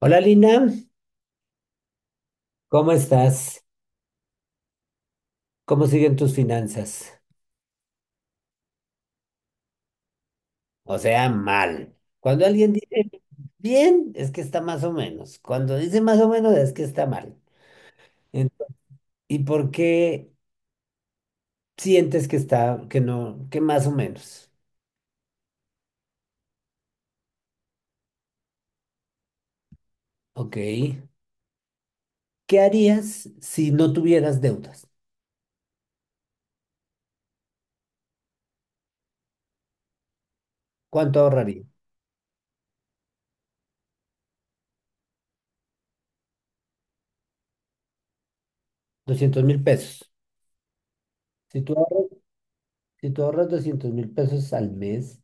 Hola Lina, ¿cómo estás? ¿Cómo siguen tus finanzas? O sea, mal. Cuando alguien dice bien, es que está más o menos. Cuando dice más o menos, es que está mal. En- ¿Y por qué sientes que está, que no, que más o menos? Ok. ¿Qué harías si no tuvieras deudas? ¿Cuánto ahorrarías? 200.000 pesos. Si tú ahorras, si tú ahorras 200 mil pesos al mes.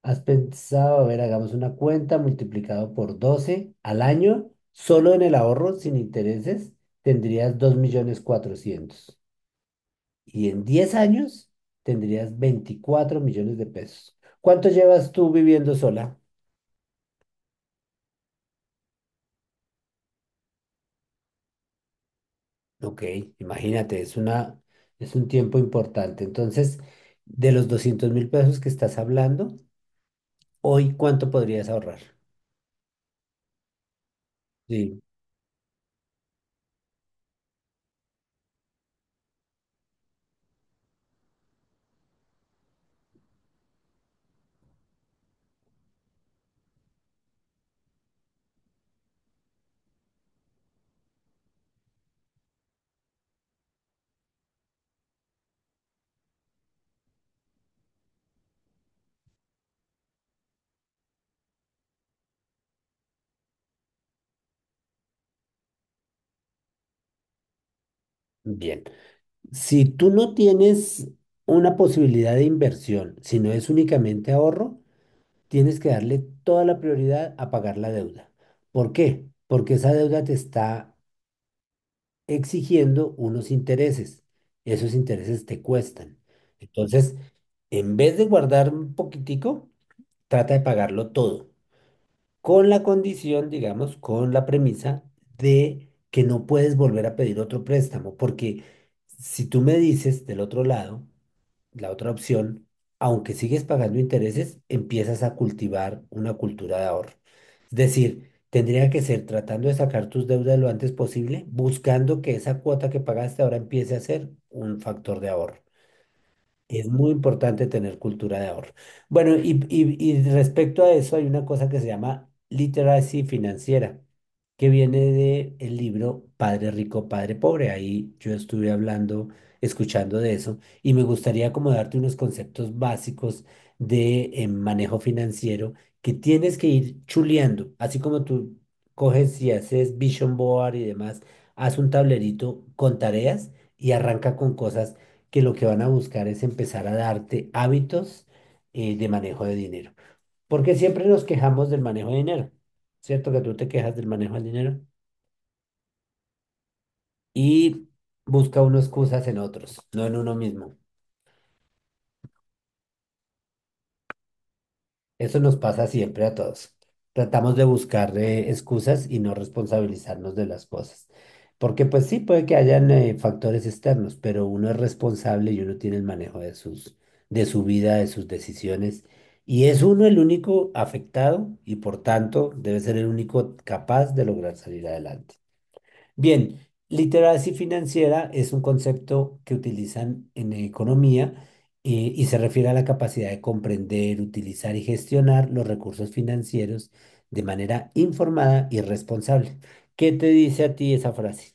¿Has pensado, a ver, hagamos una cuenta multiplicado por 12 al año, solo en el ahorro, sin intereses, tendrías 2.400.000? Y en 10 años tendrías 24 millones de pesos. ¿Cuánto llevas tú viviendo sola? Ok, imagínate, es un tiempo importante. Entonces, de los 200.000 pesos que estás hablando, hoy, ¿cuánto podrías ahorrar? Sí, bien. Si tú no tienes una posibilidad de inversión, sino es únicamente ahorro, tienes que darle toda la prioridad a pagar la deuda. ¿Por qué? Porque esa deuda te está exigiendo unos intereses. Esos intereses te cuestan. Entonces, en vez de guardar un poquitico, trata de pagarlo todo con la condición, digamos, con la premisa de que no puedes volver a pedir otro préstamo, porque si tú me dices del otro lado, la otra opción, aunque sigues pagando intereses, empiezas a cultivar una cultura de ahorro. Es decir, tendría que ser tratando de sacar tus deudas lo antes posible, buscando que esa cuota que pagaste ahora empiece a ser un factor de ahorro. Es muy importante tener cultura de ahorro. Bueno, y respecto a eso hay una cosa que se llama literacy financiera, que viene de el libro Padre Rico, Padre Pobre. Ahí yo estuve hablando, escuchando de eso, y me gustaría como darte unos conceptos básicos de manejo financiero que tienes que ir chuleando, así como tú coges y haces vision board y demás, haz un tablerito con tareas y arranca con cosas que lo que van a buscar es empezar a darte hábitos de manejo de dinero. Porque siempre nos quejamos del manejo de dinero, ¿cierto? Que tú te quejas del manejo del dinero y busca uno excusas en otros, no en uno mismo. Eso nos pasa siempre a todos. Tratamos de buscar excusas y no responsabilizarnos de las cosas. Porque pues sí, puede que hayan factores externos, pero uno es responsable y uno tiene el manejo de de su vida, de sus decisiones. Y es uno el único afectado y por tanto debe ser el único capaz de lograr salir adelante. Bien, literacia financiera es un concepto que utilizan en economía y se refiere a la capacidad de comprender, utilizar y gestionar los recursos financieros de manera informada y responsable. ¿Qué te dice a ti esa frase?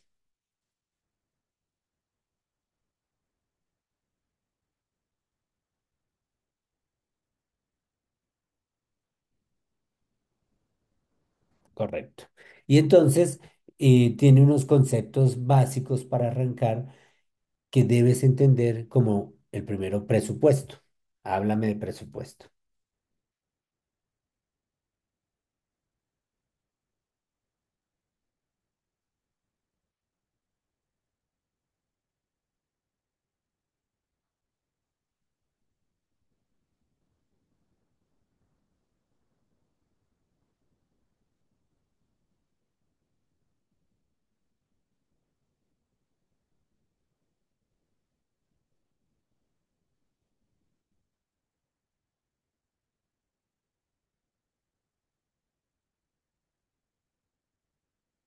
Correcto. Y entonces tiene unos conceptos básicos para arrancar que debes entender como el primero, presupuesto. Háblame de presupuesto.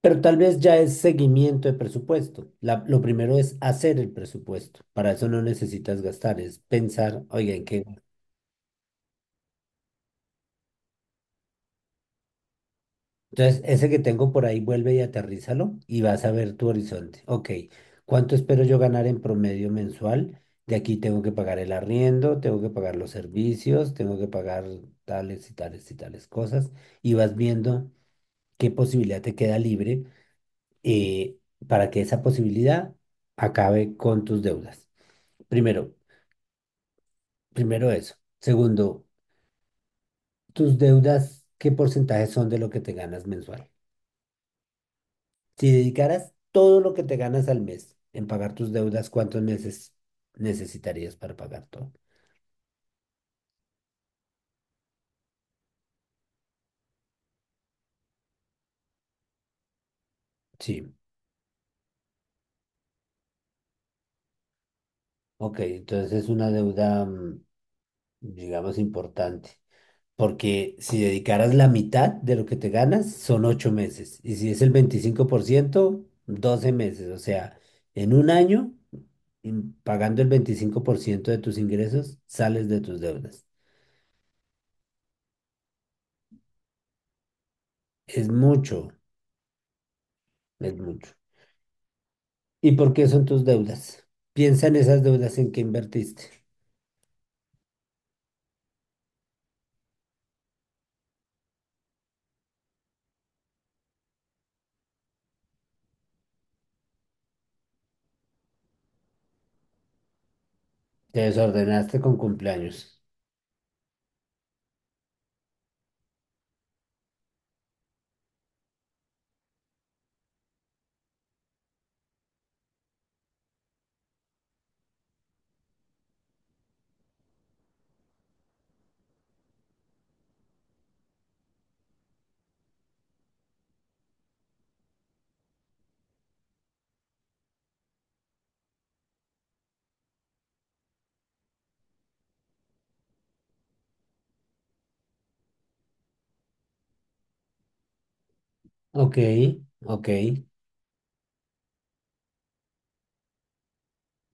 Pero tal vez ya es seguimiento de presupuesto. Lo primero es hacer el presupuesto. Para eso no necesitas gastar, es pensar, oiga, ¿en qué? Entonces, ese que tengo por ahí, vuelve y aterrízalo y vas a ver tu horizonte. Ok, ¿cuánto espero yo ganar en promedio mensual? De aquí tengo que pagar el arriendo, tengo que pagar los servicios, tengo que pagar tales y tales y tales cosas. Y vas viendo qué posibilidad te queda libre eh, para que esa posibilidad acabe con tus deudas. Primero. Primero eso. Segundo, tus deudas, ¿qué porcentaje son de lo que te ganas mensual? Si dedicaras todo lo que te ganas al mes en pagar tus deudas, ¿cuántos meses necesitarías para pagar todo? Sí, ok, entonces es una deuda, digamos, importante. Porque si dedicaras la mitad de lo que te ganas, son 8 meses. Y si es el 25% 12 meses. O sea, en un año, pagando el 25% de tus ingresos, sales de tus deudas. Es mucho, es mucho. ¿Y por qué son tus deudas? Piensa en esas deudas en que invertiste. Te desordenaste con cumpleaños. Ok, ok.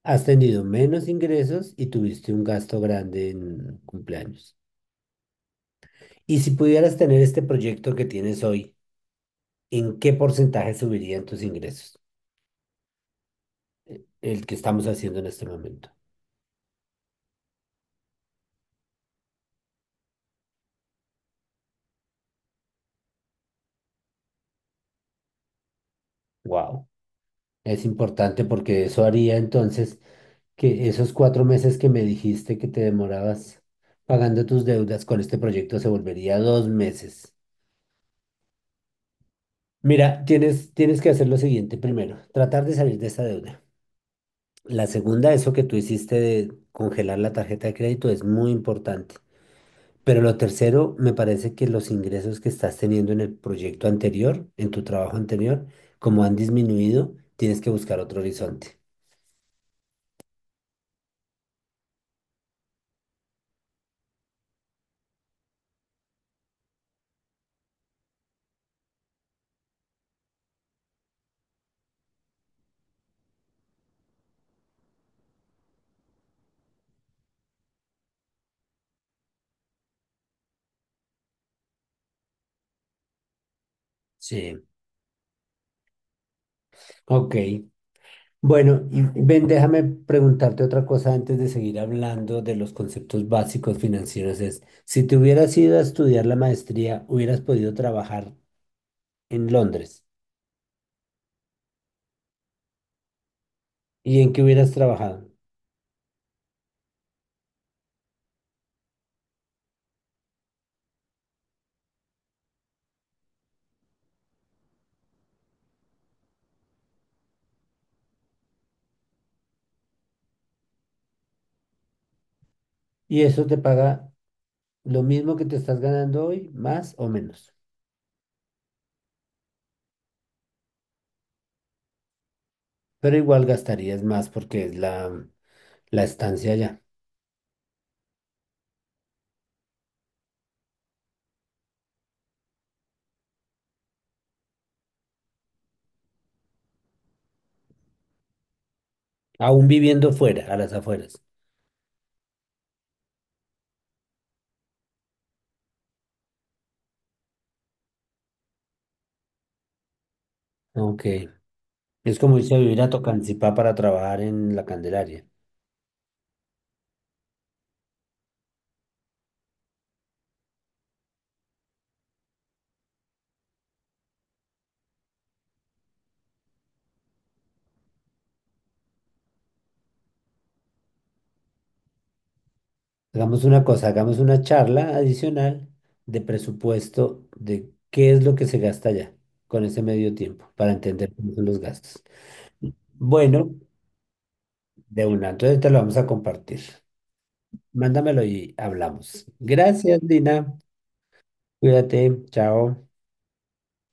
Has tenido menos ingresos y tuviste un gasto grande en cumpleaños. Y si pudieras tener este proyecto que tienes hoy, ¿en qué porcentaje subirían tus ingresos? El que estamos haciendo en este momento. Wow. Es importante porque eso haría entonces que esos 4 meses que me dijiste que te demorabas pagando tus deudas con este proyecto se volvería 2 meses. Mira, tienes que hacer lo siguiente primero, tratar de salir de esa deuda. La segunda, eso que tú hiciste de congelar la tarjeta de crédito es muy importante. Pero lo tercero, me parece que los ingresos que estás teniendo en el proyecto anterior, en tu trabajo anterior, como han disminuido, tienes que buscar otro horizonte. Sí, ok. Bueno, y ven, déjame preguntarte otra cosa antes de seguir hablando de los conceptos básicos financieros. Es, si te hubieras ido a estudiar la maestría, hubieras podido trabajar en Londres. ¿Y en qué hubieras trabajado? Y eso te paga lo mismo que te estás ganando hoy, más o menos. Pero igual gastarías más porque es la estancia allá. Aún viviendo fuera, a las afueras. Ok. Es como irse a vivir a Tocancipá para trabajar en la Candelaria. Hagamos una cosa, hagamos una charla adicional de presupuesto de qué es lo que se gasta allá con ese medio tiempo para entender cómo son los gastos. Bueno, de una, entonces te lo vamos a compartir. Mándamelo y hablamos. Gracias, Dina. Cuídate, chao.